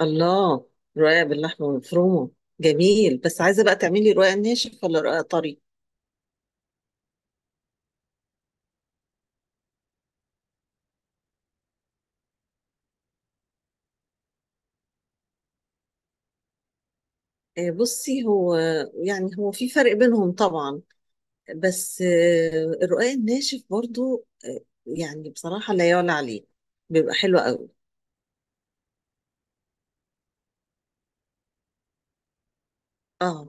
الله. رقاق باللحمة المفرومة، جميل، بس عايزة بقى تعملي رقاق ناشف ولا رقاق طري؟ بصي، هو يعني هو في فرق بينهم طبعا، بس الرقاق الناشف برضو، يعني بصراحة لا يعلى عليه، بيبقى حلو قوي. اه،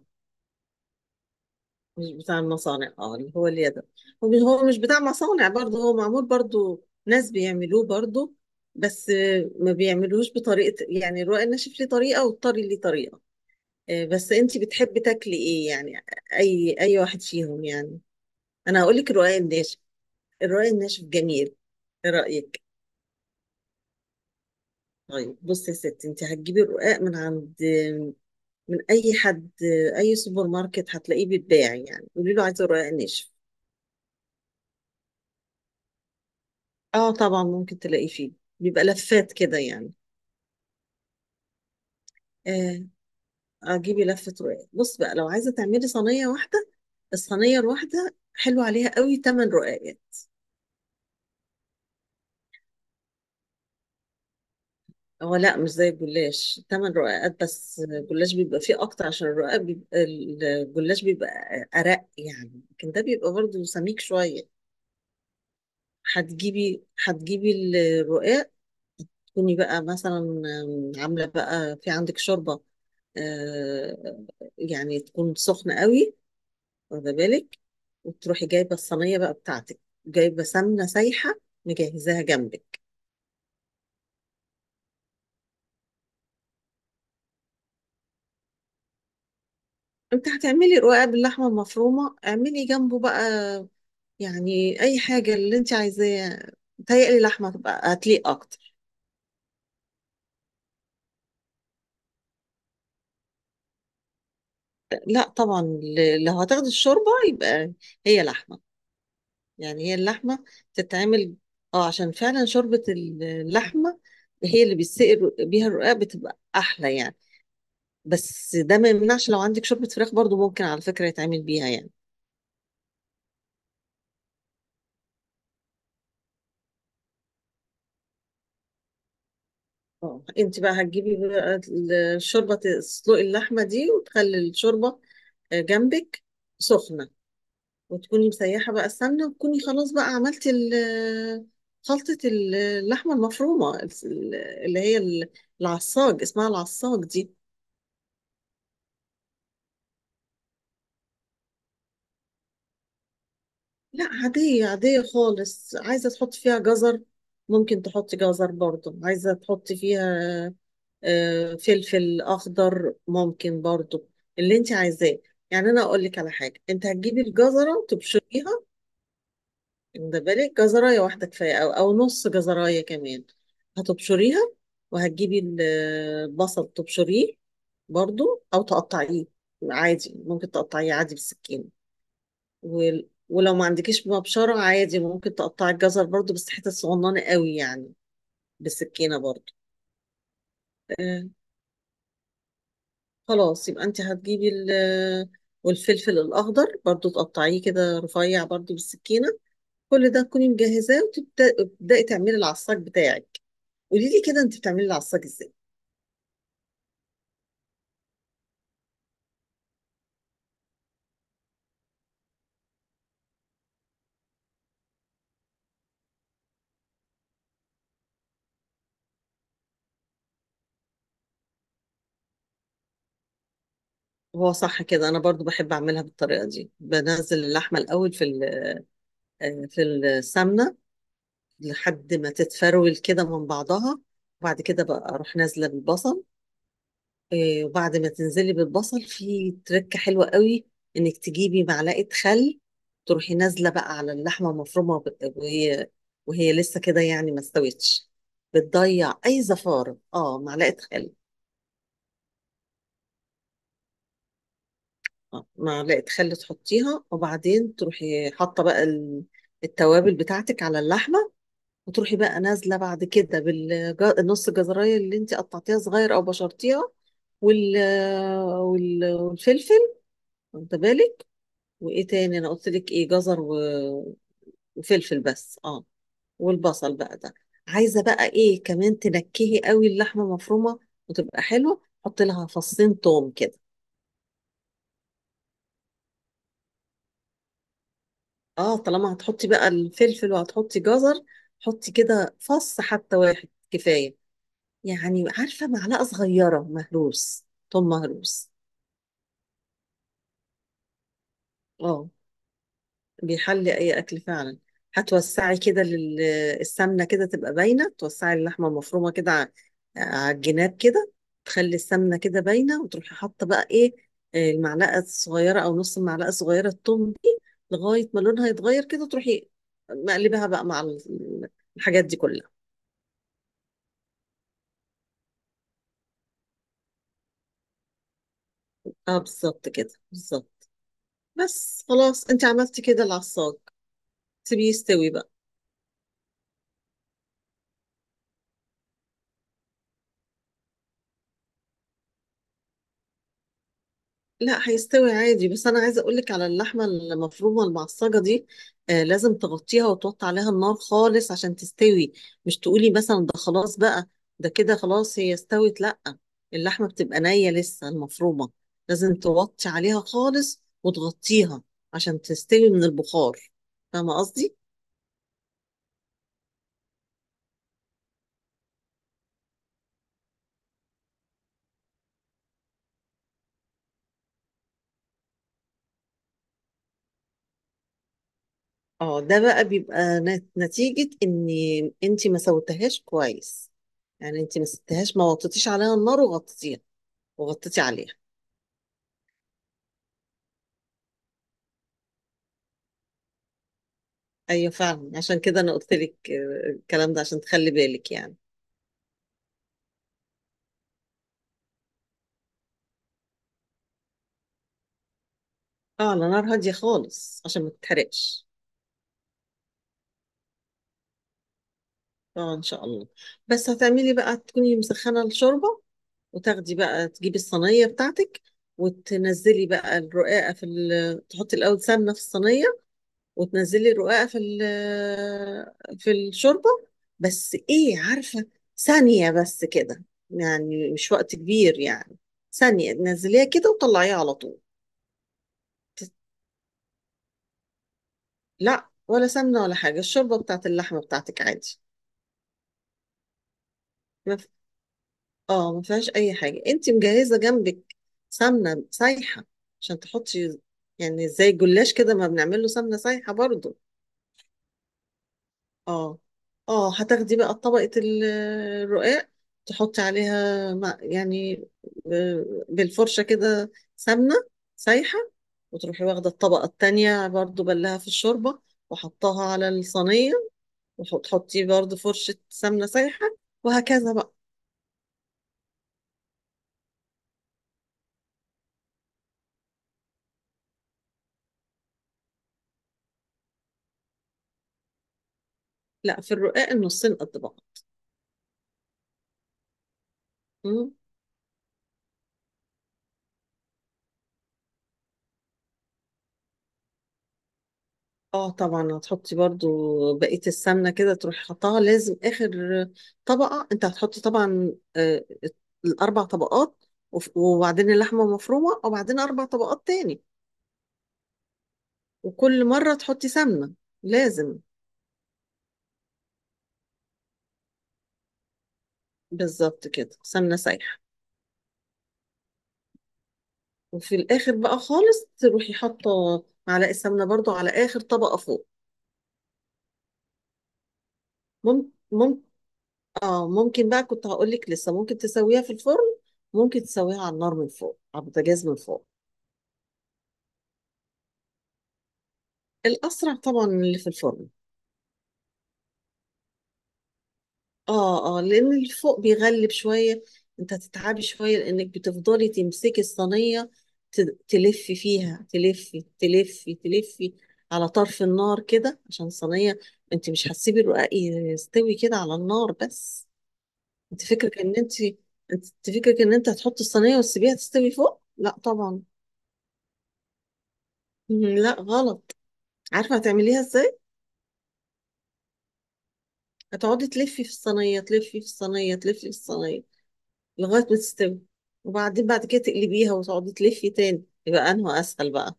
مش بتاع المصانع، اه اللي هو اليد. هو مش بتاع مصانع برضو، هو معمول برضو ناس بيعملوه برضو، بس ما بيعملوهوش بطريقة، يعني الرقاق الناشف ليه طريقة والطري ليه طريقة. بس انتي بتحبي تاكلي ايه يعني، اي واحد فيهم يعني؟ انا هقول لك الرقاق الناشف. الرقاق الناشف جميل، ايه رايك؟ طيب بصي يا ستي، انتي هتجيبي الرقاق من عند، من اي حد، اي سوبر ماركت هتلاقيه بيتباع، يعني قولي له عايزه الرقاق الناشف. اه طبعا ممكن تلاقيه فيه، بيبقى لفات كده يعني. آه. اجيبي لفه رقاق، بص بقى لو عايزه تعملي صينيه واحده، الصينيه الواحده حلو عليها قوي 8 رقاق يعني. هو لا، مش زي الجلاش، 8 رقاقات بس، الجلاش بيبقى فيه اكتر، عشان الرقاق بيبقى الجلاش بيبقى ارق يعني، لكن ده بيبقى برضه سميك شويه. هتجيبي الرقاق، تكوني بقى مثلا عامله بقى في عندك شوربه، آه، يعني تكون سخنه قوي، واخده بالك، وتروحي جايبه الصينيه بقى بتاعتك، جايبه سمنه سايحه، مجهزاها جنبك. انت هتعملي رقاق باللحمه المفرومه اعملي جنبه بقى، يعني اي حاجه اللي انت عايزاه، متهيألي لحمه تبقى هتليق اكتر. لا طبعا، لو هتاخدي الشوربه يبقى هي لحمه. يعني هي اللحمه تتعمل، اه عشان فعلا شوربه اللحمه هي اللي بيها الرقاق بتبقى احلى يعني، بس ده ما يمنعش لو عندك شوربه فراخ برضو ممكن على فكره يتعمل بيها يعني. اه، انت بقى هتجيبي بقى الشوربه، تسلقي اللحمه دي وتخلي الشوربه جنبك سخنه، وتكوني مسيحة بقى السمنة، وتكوني خلاص بقى عملتي خلطة اللحمة المفرومة، اللي هي ال- العصاج، اسمها العصاج دي. لا، عادية عادية خالص، عايزة تحطي فيها جزر ممكن تحطي جزر برضو، عايزة تحطي فيها فلفل أخضر ممكن برضو، اللي انت عايزاه يعني. أنا أقول لك على حاجة، انت هتجيبي الجزرة تبشريها، ده بالك جزراية واحدة كفاية أو نص جزراية كمان، هتبشريها، وهتجيبي البصل تبشريه برضو، أو تقطعيه عادي، ممكن تقطعيه عادي بالسكين. ولو ما عندكيش مبشرة عادي ممكن تقطعي الجزر برضو، بس حتت صغننة قوي يعني، بالسكينة برضو. آه، خلاص يبقى أنت والفلفل الأخضر برضو تقطعيه كده رفيع برضو بالسكينة، كل ده تكوني مجهزاه، وتبدأي تعملي العصاج بتاعك. قولي لي كده انت بتعملي العصاج ازاي. هو صح كده، انا برضو بحب اعملها بالطريقه دي، بنزل اللحمه الاول في في السمنه، لحد ما تتفرول كده من بعضها، وبعد كده بقى اروح نازله بالبصل. وبعد ما تنزلي بالبصل في تركه حلوه قوي، انك تجيبي معلقه خل، تروحي نازله بقى على اللحمه المفرومه وهي لسه كده يعني ما استوتش، بتضيع اي زفاره، اه معلقه خل. معلقة خل تحطيها، وبعدين تروحي حاطة بقى التوابل بتاعتك على اللحمة، وتروحي بقى نازلة بعد كده بالنص جزراية اللي انت قطعتيها صغير او بشرتيها، وال... والفلفل، واخدة بالك. وايه تاني انا قلت لك ايه، جزر وفلفل بس اه، والبصل بقى ده. عايزة بقى ايه كمان، تنكهي قوي اللحمة مفرومة وتبقى حلوة، حط لها 2 فص توم كده. اه طالما هتحطي بقى الفلفل وهتحطي جزر، حطي كده فص حتى واحد كفاية، يعني عارفة معلقة صغيرة مهروس، ثوم مهروس. اه، بيحلي أي أكل فعلا. هتوسعي كده لل- السمنة كده تبقى باينة، توسعي اللحمة المفرومة كده على الجناب كده، تخلي السمنة كده باينة، وتروحي حاطة بقى إيه، المعلقة الصغيرة أو نص المعلقة الصغيرة الثوم دي، لغاية ما لونها يتغير كده تروحي مقلبها بقى مع الحاجات دي كلها. اه بالظبط كده بالظبط، بس خلاص انت عملتي كده العصاج، سيبيه يستوي بقى. لا، هيستوي عادي، بس انا عايزه اقول لك على اللحمه المفرومه المعصجه دي، آه لازم تغطيها وتوطي عليها النار خالص عشان تستوي، مش تقولي مثلا ده خلاص بقى، ده كده خلاص هي استوت، لا، اللحمه بتبقى نيه لسه المفرومه، لازم توطي عليها خالص وتغطيها عشان تستوي من البخار، فاهمه قصدي. اه ده بقى بيبقى نتيجة ان انت ما سوتهاش كويس، يعني انت ما سبتهاش، ما وطيتيش عليها النار وغطيتيها وغطيتي عليها. ايوه فعلا، عشان كده انا قلت لك الكلام ده عشان تخلي بالك يعني. اه، على نار هادية خالص عشان ما تتحرقش. اه ان شاء الله. بس هتعملي بقى تكوني مسخنة الشوربة، وتاخدي بقى تجيبي الصينية بتاعتك، وتنزلي بقى الرقاقة في تحطي الاول سمنة في الصينية، وتنزلي الرقاقة في في الشوربة، بس ايه عارفة، ثانية بس كده، يعني مش وقت كبير يعني، ثانية تنزليها كده وطلعيها على طول. تت- لا، ولا سمنة ولا حاجة، الشوربة بتاعت اللحمة بتاعتك عادي. ما ف... اه ما فيهاش أي حاجة، انت مجهزة جنبك سمنة سايحة عشان تحطي، يعني زي الجلاش كده ما بنعمله سمنة سايحة برضو. اه، اه هتاخدي بقى طبقة الرقاق، تحطي عليها مع يعني بالفرشة كده سمنة سايحة، وتروحي واخدة الطبقة التانية برضو بلها في الشوربة، وحطها على الصينية، وتحطي برضو فرشة سمنة سايحة، وهكذا بقى. لا، في الرقاق النصين قد بعض. اه طبعا هتحطي برضو بقية السمنة، كده تروحي حطها لازم آخر طبقة، انت هتحطي طبعا ال4 طبقات، وبعدين اللحمة مفرومة وبعدين 4 طبقات تاني، وكل مرة تحطي سمنة لازم. بالظبط كده، سمنة سايحة. وفي الآخر بقى خالص تروحي حاطة معلقة سمنة برضو على آخر طبقة فوق. ممكن، اه ممكن بقى كنت هقولك لسه ممكن تسويها في الفرن، ممكن تسويها على النار من فوق، على البوتاجاز من فوق. الأسرع طبعا من اللي في الفرن. اه، اه لأن اللي فوق بيغلب شوية، انت هتتعبي شوية لأنك بتفضلي تمسكي الصينية، تلفي فيها تلفي تلفي تلفي على طرف النار كده عشان الصينية، انت مش هتسيبي الرقاق يستوي كده على النار بس. انت فكرك ان انت انت فكرك ان انت هتحطي الصينية وتسيبيها تستوي فوق، لا طبعا. مم، لا غلط. عارفة هتعمليها ازاي، هتقعدي تلفي في الصينية تلفي في الصينية تلفي في الصينية لغاية ما تستوي، وبعدين بعد كده تقلبيها وتقعدي تلفي تاني، يبقى انه اسهل بقى.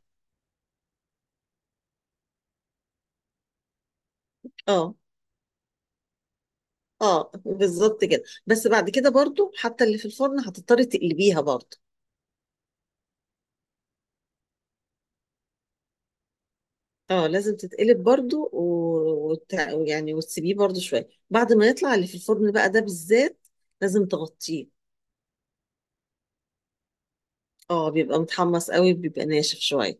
اه، اه بالظبط كده، بس بعد كده برضو حتى اللي في الفرن هتضطري تقلبيها برضو. اه لازم تتقلب برضو يعني وتسيبيه برضو شوية بعد ما يطلع اللي في الفرن بقى، ده بالذات لازم تغطيه. اه بيبقى متحمص قوي، بيبقى ناشف شوية.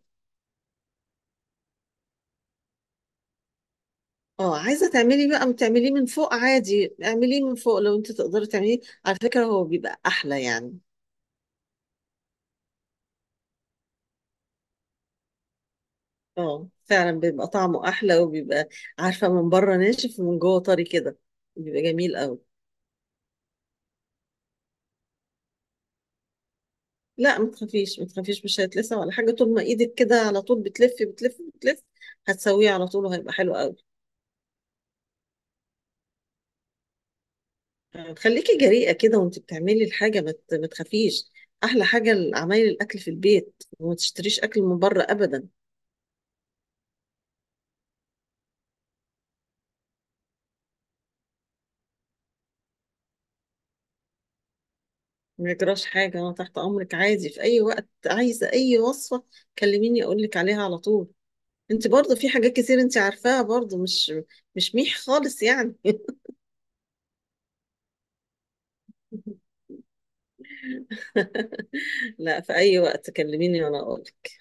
اه عايزة تعملي بقى تعمليه من فوق عادي، اعمليه من فوق لو انت تقدري تعمليه، على فكرة هو بيبقى احلى يعني. اه فعلا بيبقى طعمه احلى، وبيبقى عارفه من بره ناشف ومن جوه طري كده، بيبقى جميل قوي. لا ما تخافيش ما تخافيش، مش هيتلسع ولا حاجه، طول ما ايدك كده على طول بتلفي بتلفي بتلفي، هتسويه على طول وهيبقى حلو قوي. خليكي جريئه كده وانت بتعملي الحاجه، ما تخافيش، احلى حاجه عمايل الاكل في البيت، وما تشتريش اكل من بره ابدا. ما يجراش حاجه، انا تحت امرك عادي، في اي وقت عايزه اي وصفه كلميني اقول لك عليها على طول. انت برضه في حاجات كتير انت عارفاها برضه، مش ميح خالص يعني لا، في اي وقت كلميني وانا اقولك.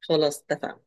خلاص اتفقنا.